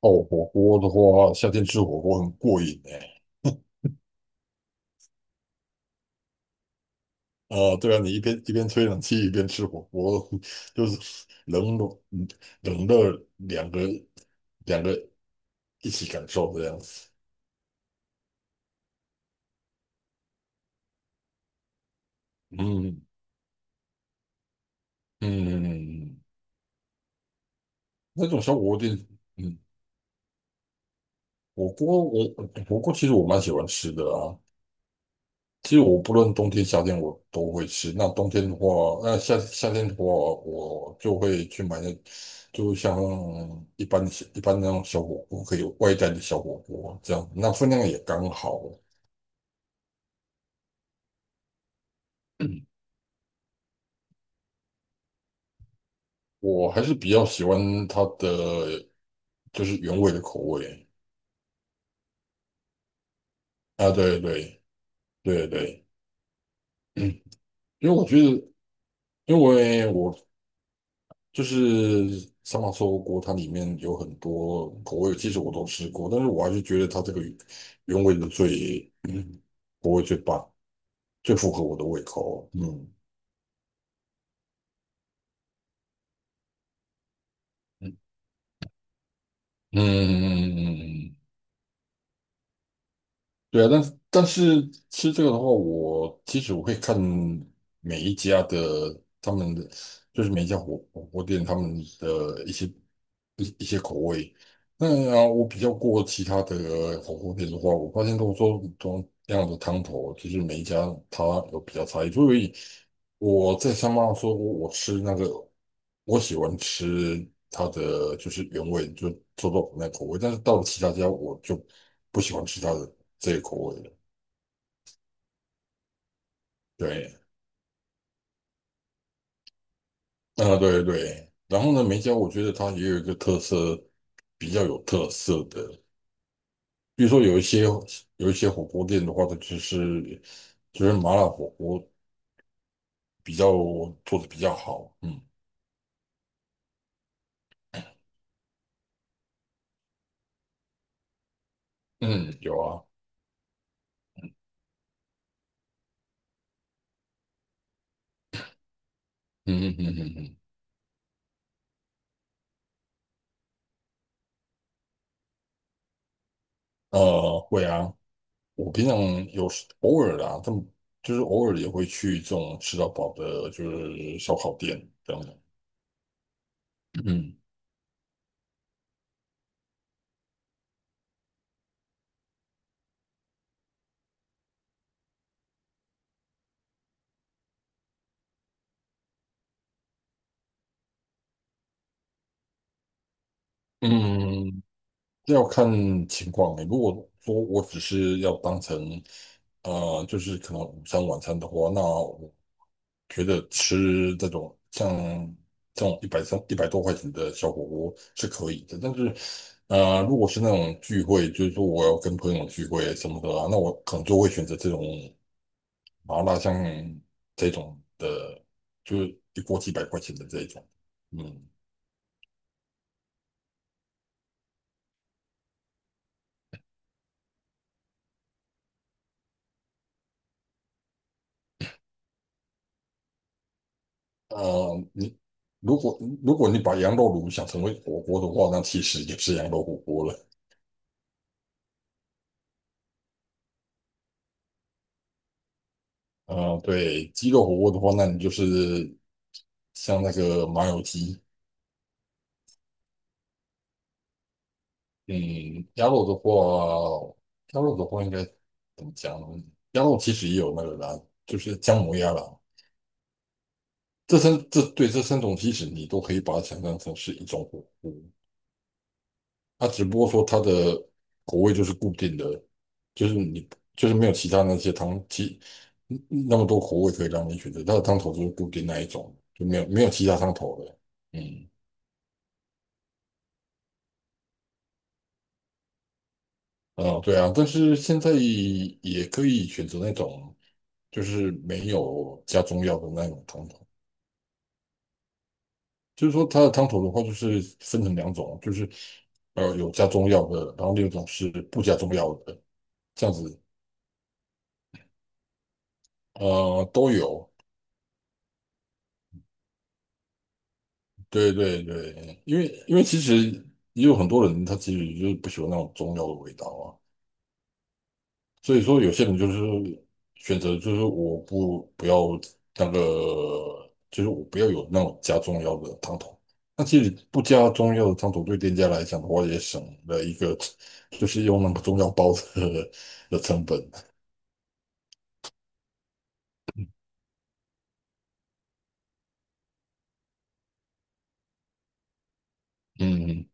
哦，火锅的话，夏天吃火锅很过瘾哎。啊，对啊，你一边吹冷气一边吃火锅，就是冷热两个一起感受这样子。嗯嗯。那种小火锅店，嗯，火锅我火锅其实我蛮喜欢吃的啊。其实我不论冬天夏天我都会吃。那冬天的话，那夏天的话，我就会去买那，就像一般那种小火锅，可以外带的小火锅这样，那分量也刚好。我还是比较喜欢它的就是原味的口味啊。对对对对。因为我觉得，因为我就是三麻臭锅，它里面有很多口味，其实我都吃过，但是我还是觉得它这个原味的口味最棒，最符合我的胃口。嗯嗯嗯嗯嗯。嗯，对啊，但是吃这个的话，我其实会看每一家的他们的，就是每一家火锅店他们的一些。那啊，我比较过其他的火锅店的话，我发现都说同样的汤头，就是每一家它有比较差异，所以我在香港说我吃那个，我喜欢吃它的就是原味，就臭豆腐那口味，但是到了其他家我就不喜欢吃它的这个口味了。对。啊，对对，然后呢，梅一家我觉得它也有一个特色，比较有特色的。比如说有一些火锅店的话，它就是麻辣火锅比较做的比较好。嗯嗯。有啊。嗯嗯嗯嗯嗯。会啊。我平常有时偶尔啦，他们就是偶尔也会去这种吃到饱的，就是烧烤店这样的。嗯嗯。这要看情况欸。如果说我只是要当成就是可能午餐晚餐的话，那觉得吃这种像这种一百三一百多块钱的小火锅是可以的，但是如果是那种聚会，就是说我要跟朋友聚会什么的啊，那我可能就会选择这种麻辣香这种的，就是一锅几百块钱的这一种。嗯。你如果如果你把羊肉炉想成为火锅的话，那其实也是羊肉火锅了。对，鸡肉火锅的话，那你就是像那个麻油鸡。嗯，鸭肉的话，应该怎么讲呢？鸭肉其实也有那个啦，就是姜母鸭啦。这三种其实你都可以把它想象成是一种火锅，它只不过说它的口味就是固定的，就是你就是没有其他那些汤其嗯那么多口味可以让你选择，它的汤头就是固定那一种，就没有其他汤头了。嗯。啊，对啊，但是现在也可以选择那种就是没有加中药的那种汤头，就是说它的汤头的话，就是分成两种，就是有加中药的，然后另一种是不加中药的，这样子。都有。对对对。因为其实也有很多人他其实就是不喜欢那种中药的味道啊，所以说有些人就是选择就是我不要那个，就是我不要有那种加中药的汤头。那其实不加中药的汤头对店家来讲的话，也省了一个就是用那个中药包的成本。嗯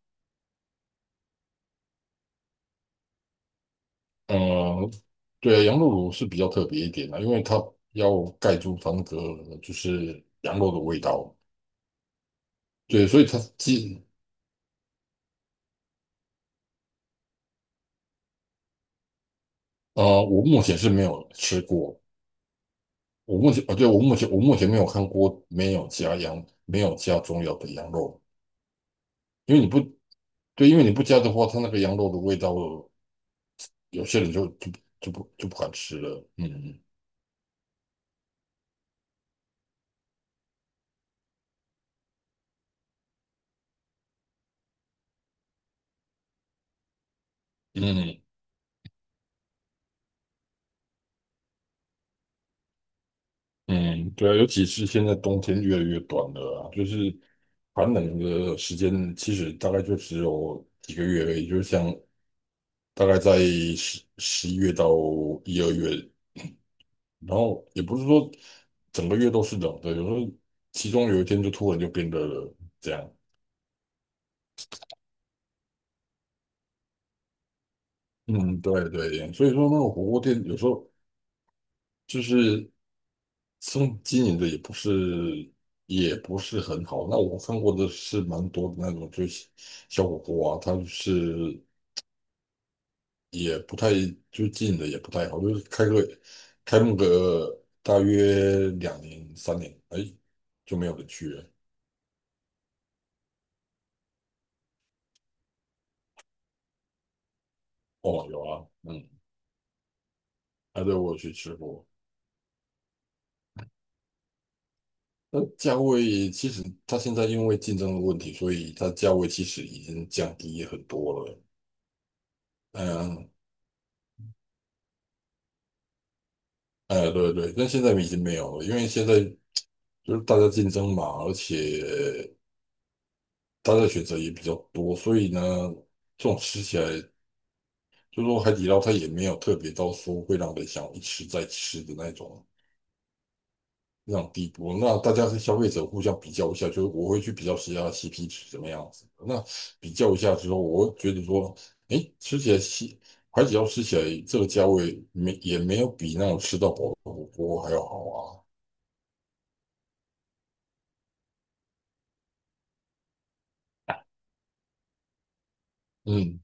呃，对啊，羊肉炉是比较特别一点的，因为它要盖住它那个就是羊肉的味道。对，所以它基呃，我目前是没有吃过。我目前，啊，对，我目前没有看过没有加中药的羊肉。因为你不对，因为你不加的话，它那个羊肉的味道，有些人就不敢吃了。嗯嗯嗯。对啊，尤其是现在冬天越来越短了啊，就是寒冷的时间其实大概就只有几个月而已，就像大概在十十一月到一二月，然后也不是说整个月都是冷的，有时候其中有一天就突然就变热了，这样。嗯。对对，所以说那个火锅店有时候就是经营的也不是很好。那我看过的是蛮多的那种，就是小火锅啊，它是也不太就经营的也不太好，就是开幕个大约两年三年，哎就没有人去了。哦，有啊。嗯。对，我有去吃过。那价位其实它现在因为竞争的问题，所以它价位其实已经降低很多了。嗯。哎，对对，但现在已经没有了，因为现在就是大家竞争嘛，而且大家选择也比较多，所以呢，这种吃起来，就说海底捞它也没有特别到说会让人想一吃再吃的那种非常低步，那大家是消费者互相比较一下，就是我会去比较谁家 CP 值怎么样子。那比较一下之后，我会觉得说，哎，吃起来西海底捞吃起来这个价位没也没有比那种吃到饱的火锅还要好啊。嗯，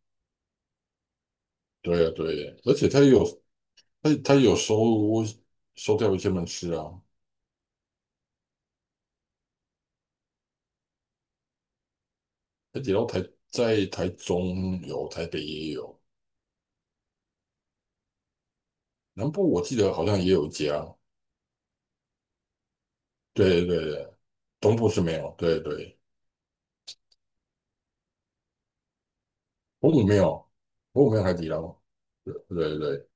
对啊，对啊，而且它也有收掉一些门市啊。海底捞在台中有，台北也有，南部我记得好像也有一家。对对对，东部是没有。对对。澎湖没有，澎湖没有，海底捞。对对对，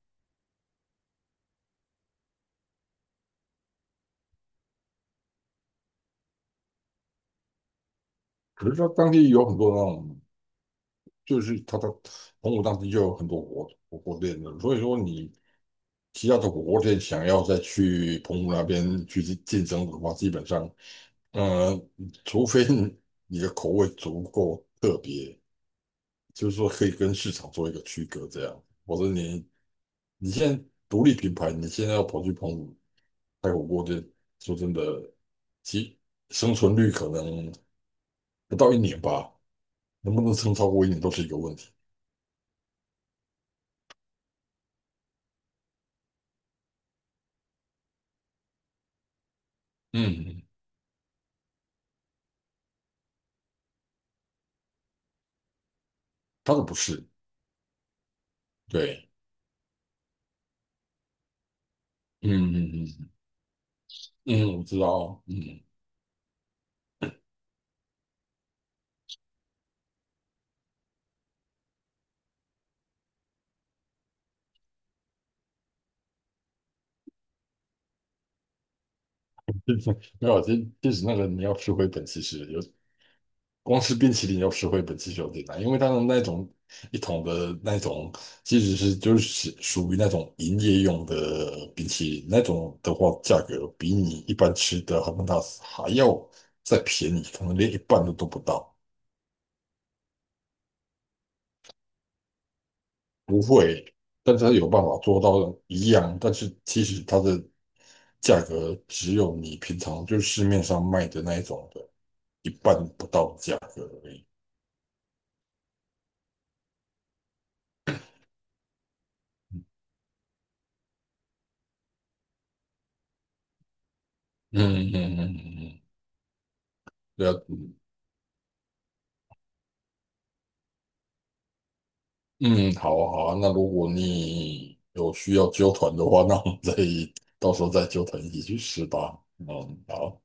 可是它当地有很多那种，就是它的澎湖当地就有很多火锅店的，所以说你其他的火锅店想要再去澎湖那边去竞争的话，基本上，呃，除非你的口味足够特别，就是说可以跟市场做一个区隔，这样，否则你现在独立品牌，你现在要跑去澎湖开火锅店，说真的，其生存率可能。不到一年吧，能不能撑超过一年都是一个问题。嗯，嗯，他的不是。对。嗯嗯嗯嗯，我知道。嗯。没有，其实那个你要吃回本，其实光吃冰淇淋要吃回本其实有点难，因为它的那种一桶的那种，其实是就是属于那种营业用的冰淇淋，那种的话价格比你一般吃的哈根达斯还要再便宜，可能连一半都不到。不会，但是它有办法做到一样，但是其实它的价格只有你平常就市面上卖的那一种的一半不到的价格而已。嗯嗯嗯嗯嗯。对啊。嗯。嗯好啊好啊，那如果你有需要揪团的话，那我们再到时候再揪团一起去吃吧。嗯。好。